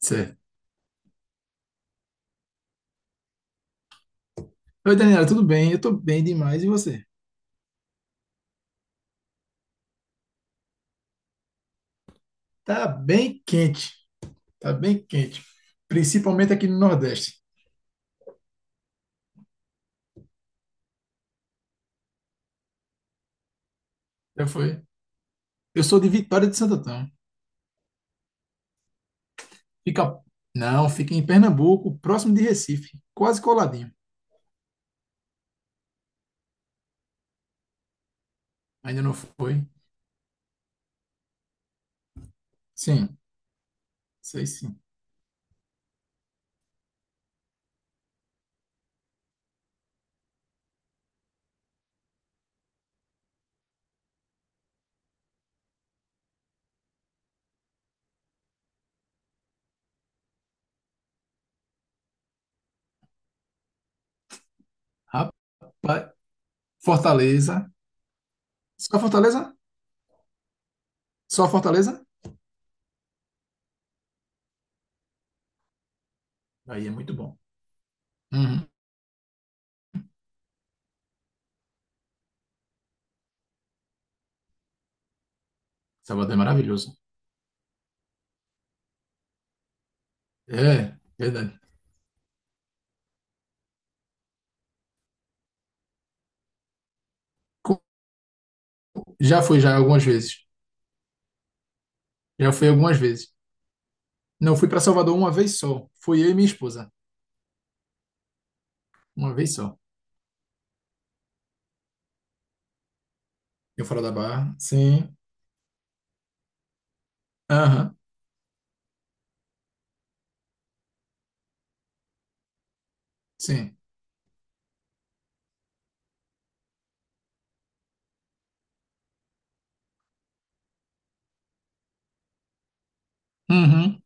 Certo. Oi, Daniela, tudo bem? Eu tô bem demais. E você? Tá bem quente. Tá bem quente. Principalmente aqui no Nordeste. Já foi. Eu sou de Vitória de Santo Antão. Fica. Não, fica em Pernambuco, próximo de Recife. Quase coladinho. Ainda não foi? Sim, sei sim. Rapaz, Fortaleza. Só Fortaleza? Só Fortaleza? Aí é muito bom. Uhum. Salvador é maravilhoso. É, verdade. Co- Já fui já algumas vezes. Já fui algumas vezes. Não, fui para Salvador uma vez só. Fui eu e minha esposa. Uma vez só. Eu fora da Barra. Sim. Aham. Sim. Uhum.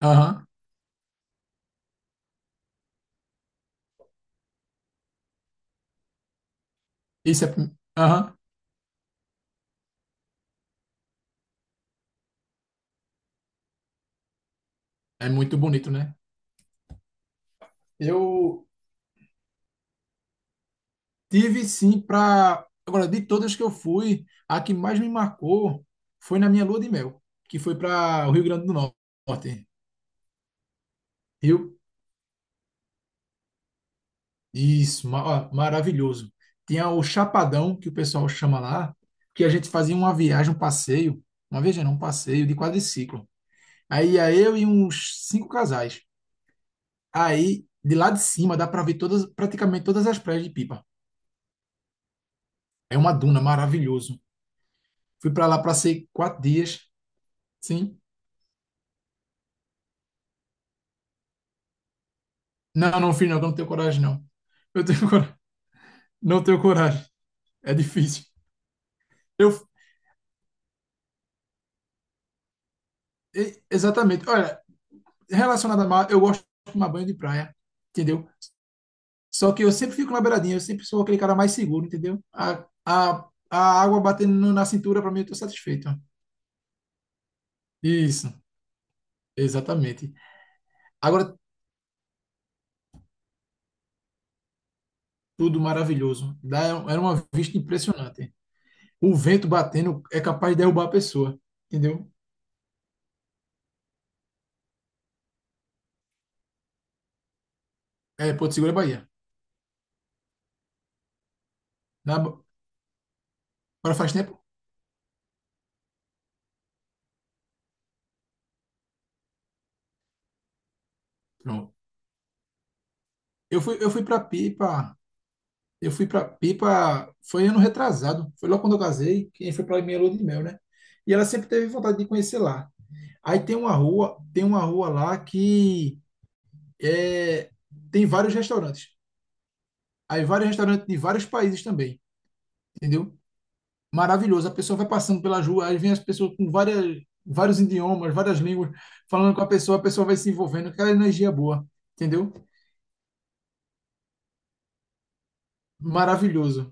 Aham. Isso é. Aham. É muito bonito, né? Eu tive sim para. Agora, de todas que eu fui, a que mais me marcou foi na minha lua de mel, que foi para o Rio Grande do Norte. Rio. Isso. Ó, maravilhoso. Tinha o Chapadão, que o pessoal chama lá, que a gente fazia uma viagem, um passeio. Uma viagem, não, um passeio de quadriciclo. Aí ia eu e uns cinco casais. Aí, de lá de cima, dá para ver todas, praticamente todas as praias de Pipa. É uma duna, maravilhoso. Fui para lá, passei 4 dias. Sim. Não, não fiz, não, que eu não tenho coragem, não. Eu tenho coragem. Não tenho coragem. É difícil. Eu, Exatamente. Olha, relacionado a mar, eu gosto de tomar banho de praia, entendeu? Só que eu sempre fico na beiradinha, eu sempre sou aquele cara mais seguro, entendeu? A água batendo na cintura, para mim, eu tô satisfeito. Isso, exatamente. Agora, tudo maravilhoso. Era uma vista impressionante. O vento batendo é capaz de derrubar a pessoa, entendeu? É Porto Seguro é Bahia. Na, Para faz tempo? Pronto. Eu fui para Pipa. Eu fui para Pipa, foi ano retrasado. Foi logo quando eu casei, que foi para minha lua de mel, né? E ela sempre teve vontade de conhecer lá. Aí tem uma rua, lá que é, tem vários restaurantes. Aí vários restaurantes de vários países também, entendeu? Maravilhoso. A pessoa vai passando pela rua, aí vem as pessoas com várias, vários idiomas, várias línguas, falando com a pessoa vai se envolvendo, aquela energia boa, entendeu? Maravilhoso,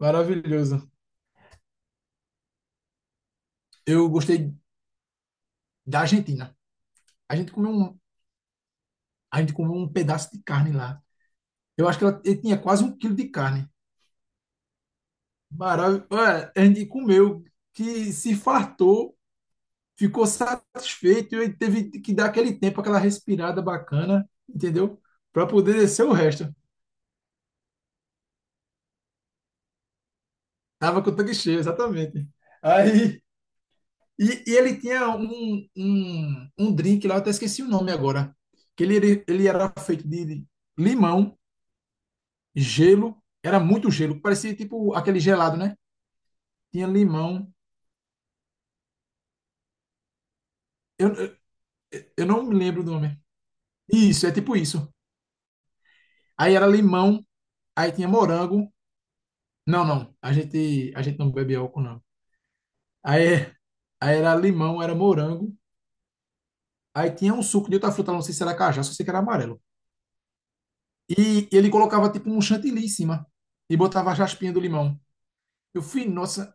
maravilhoso. Eu gostei da Argentina. A gente comeu um, a gente comeu um pedaço de carne lá. Eu acho que ela, ele tinha quase 1 quilo de carne. Maravilhoso. A gente comeu, que se fartou, ficou satisfeito e teve que dar aquele tempo, aquela respirada bacana, entendeu? Para poder descer o resto. Tava com o tanque cheio, exatamente. Aí, e ele tinha um drink lá, eu até esqueci o nome agora, que ele, ele era feito de limão, gelo, era muito gelo, parecia tipo aquele gelado, né? Tinha limão, eu, eu não me lembro do nome. Isso, é tipo isso. Aí era limão, aí tinha morango. Não, não, a gente não bebe álcool, não. Aí, aí era limão, era morango, aí tinha um suco de outra fruta, não sei se era cajá, só sei que era amarelo. E ele colocava tipo um chantilly em cima e botava a raspinha do limão. Eu fui, nossa.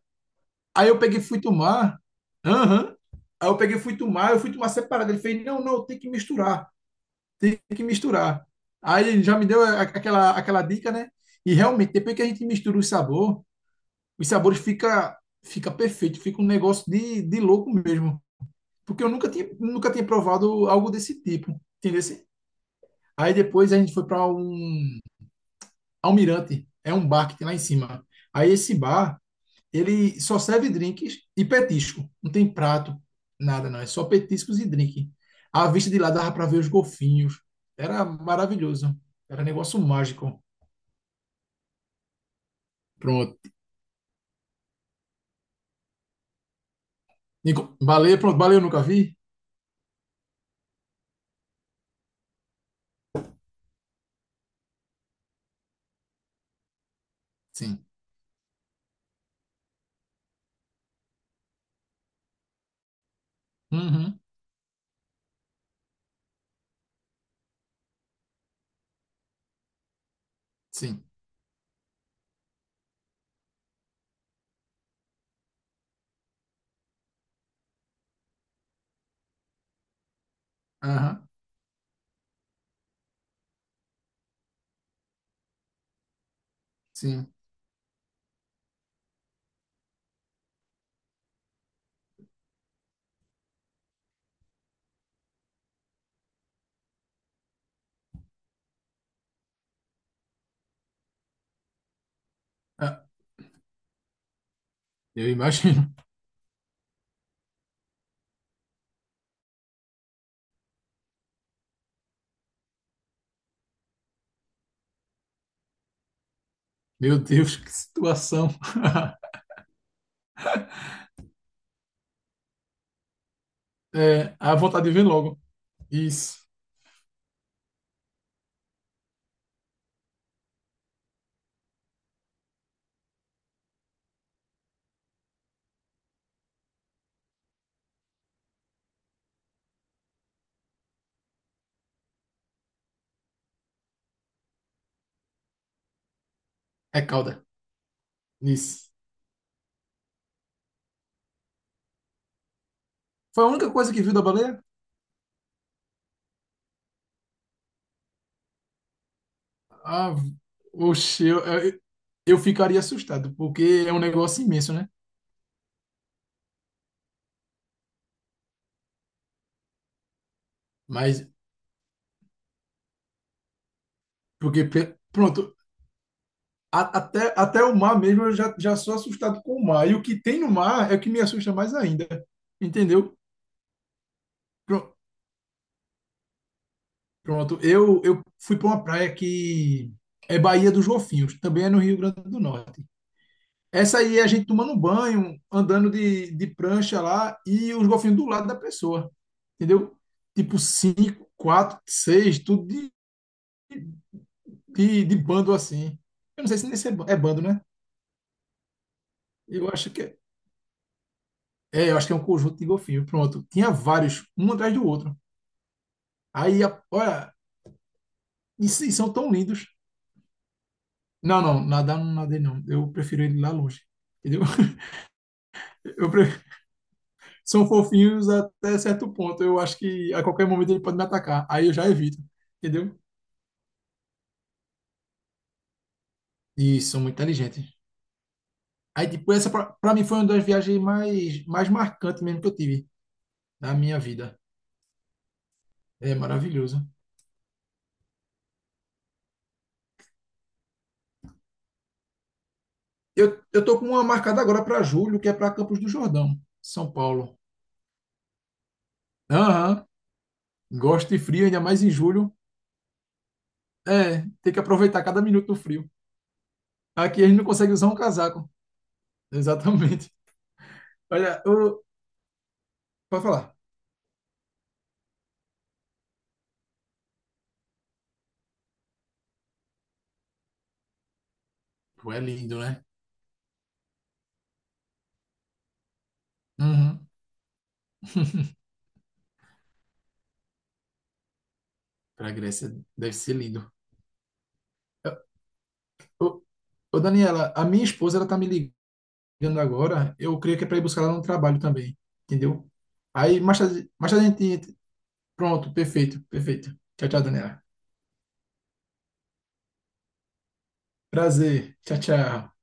Aí eu peguei e fui tomar. Aham. Aí eu peguei e fui tomar, eu fui tomar separado. Ele fez, não, não, tem que misturar, tem que misturar. Aí ele já me deu aquela dica, né? E realmente, depois que a gente mistura o sabor, os sabores fica, perfeito, fica um negócio de louco mesmo. Porque eu nunca tinha provado algo desse tipo, entendeu? Aí depois a gente foi para um, Almirante é um bar que tem lá em cima. Aí esse bar, ele só serve drinks e petisco. Não tem prato, nada não. É só petiscos e drink. A vista de lá dava para ver os golfinhos. Era maravilhoso. Era negócio mágico. Pronto. Nico, baleia, pronto. Baleia eu nunca vi? Sim. Uhum. Sim. Aham. Sim. Ah, eu imagino. Meu Deus, que situação. É, a vontade de vir logo. Isso. É cauda. Isso. Foi a única coisa que viu da baleia? Ah, oxe, eu ficaria assustado, porque é um negócio imenso, né? Mas, porque, pronto, até o mar mesmo eu já sou assustado com o mar. E o que tem no mar é o que me assusta mais ainda, entendeu? Pro- Pronto, eu fui para uma praia que é Baía dos Golfinhos, também é no Rio Grande do Norte. Essa aí é a gente tomando banho, andando de prancha lá e os golfinhos do lado da pessoa, entendeu? Tipo cinco, quatro, seis, tudo de bando assim. Eu não sei se nesse é bando, né? Eu acho que é. É, eu acho que é um conjunto de golfinhos. Pronto. Tinha vários, um atrás do outro. Aí, olha, e são tão lindos. Não, não, nadar não nadei, não. Eu prefiro ele lá longe. Entendeu? Eu pre- São fofinhos até certo ponto. Eu acho que a qualquer momento ele pode me atacar. Aí eu já evito. Entendeu? E são muito inteligentes. Aí, tipo, essa pra mim foi uma das viagens mais marcantes mesmo que eu tive na minha vida. É maravilhoso. Eu tô com uma marcada agora para julho, que é para Campos do Jordão, São Paulo. Aham, gosto de frio, ainda mais em julho. É, tem que aproveitar cada minuto do frio. Aqui a gente não consegue usar um casaco. Exatamente. Olha, eu, pode falar. Pô, é lindo, né? Uhum. Para Grécia deve ser lindo. Ô, ô, Daniela, a minha esposa ela tá me ligando agora. Eu creio que é para ir buscar ela no trabalho também, entendeu? Aí mais tarde a gente. Pronto, perfeito, perfeito. Tchau, tchau, Daniela. Prazer. Tchau, tchau.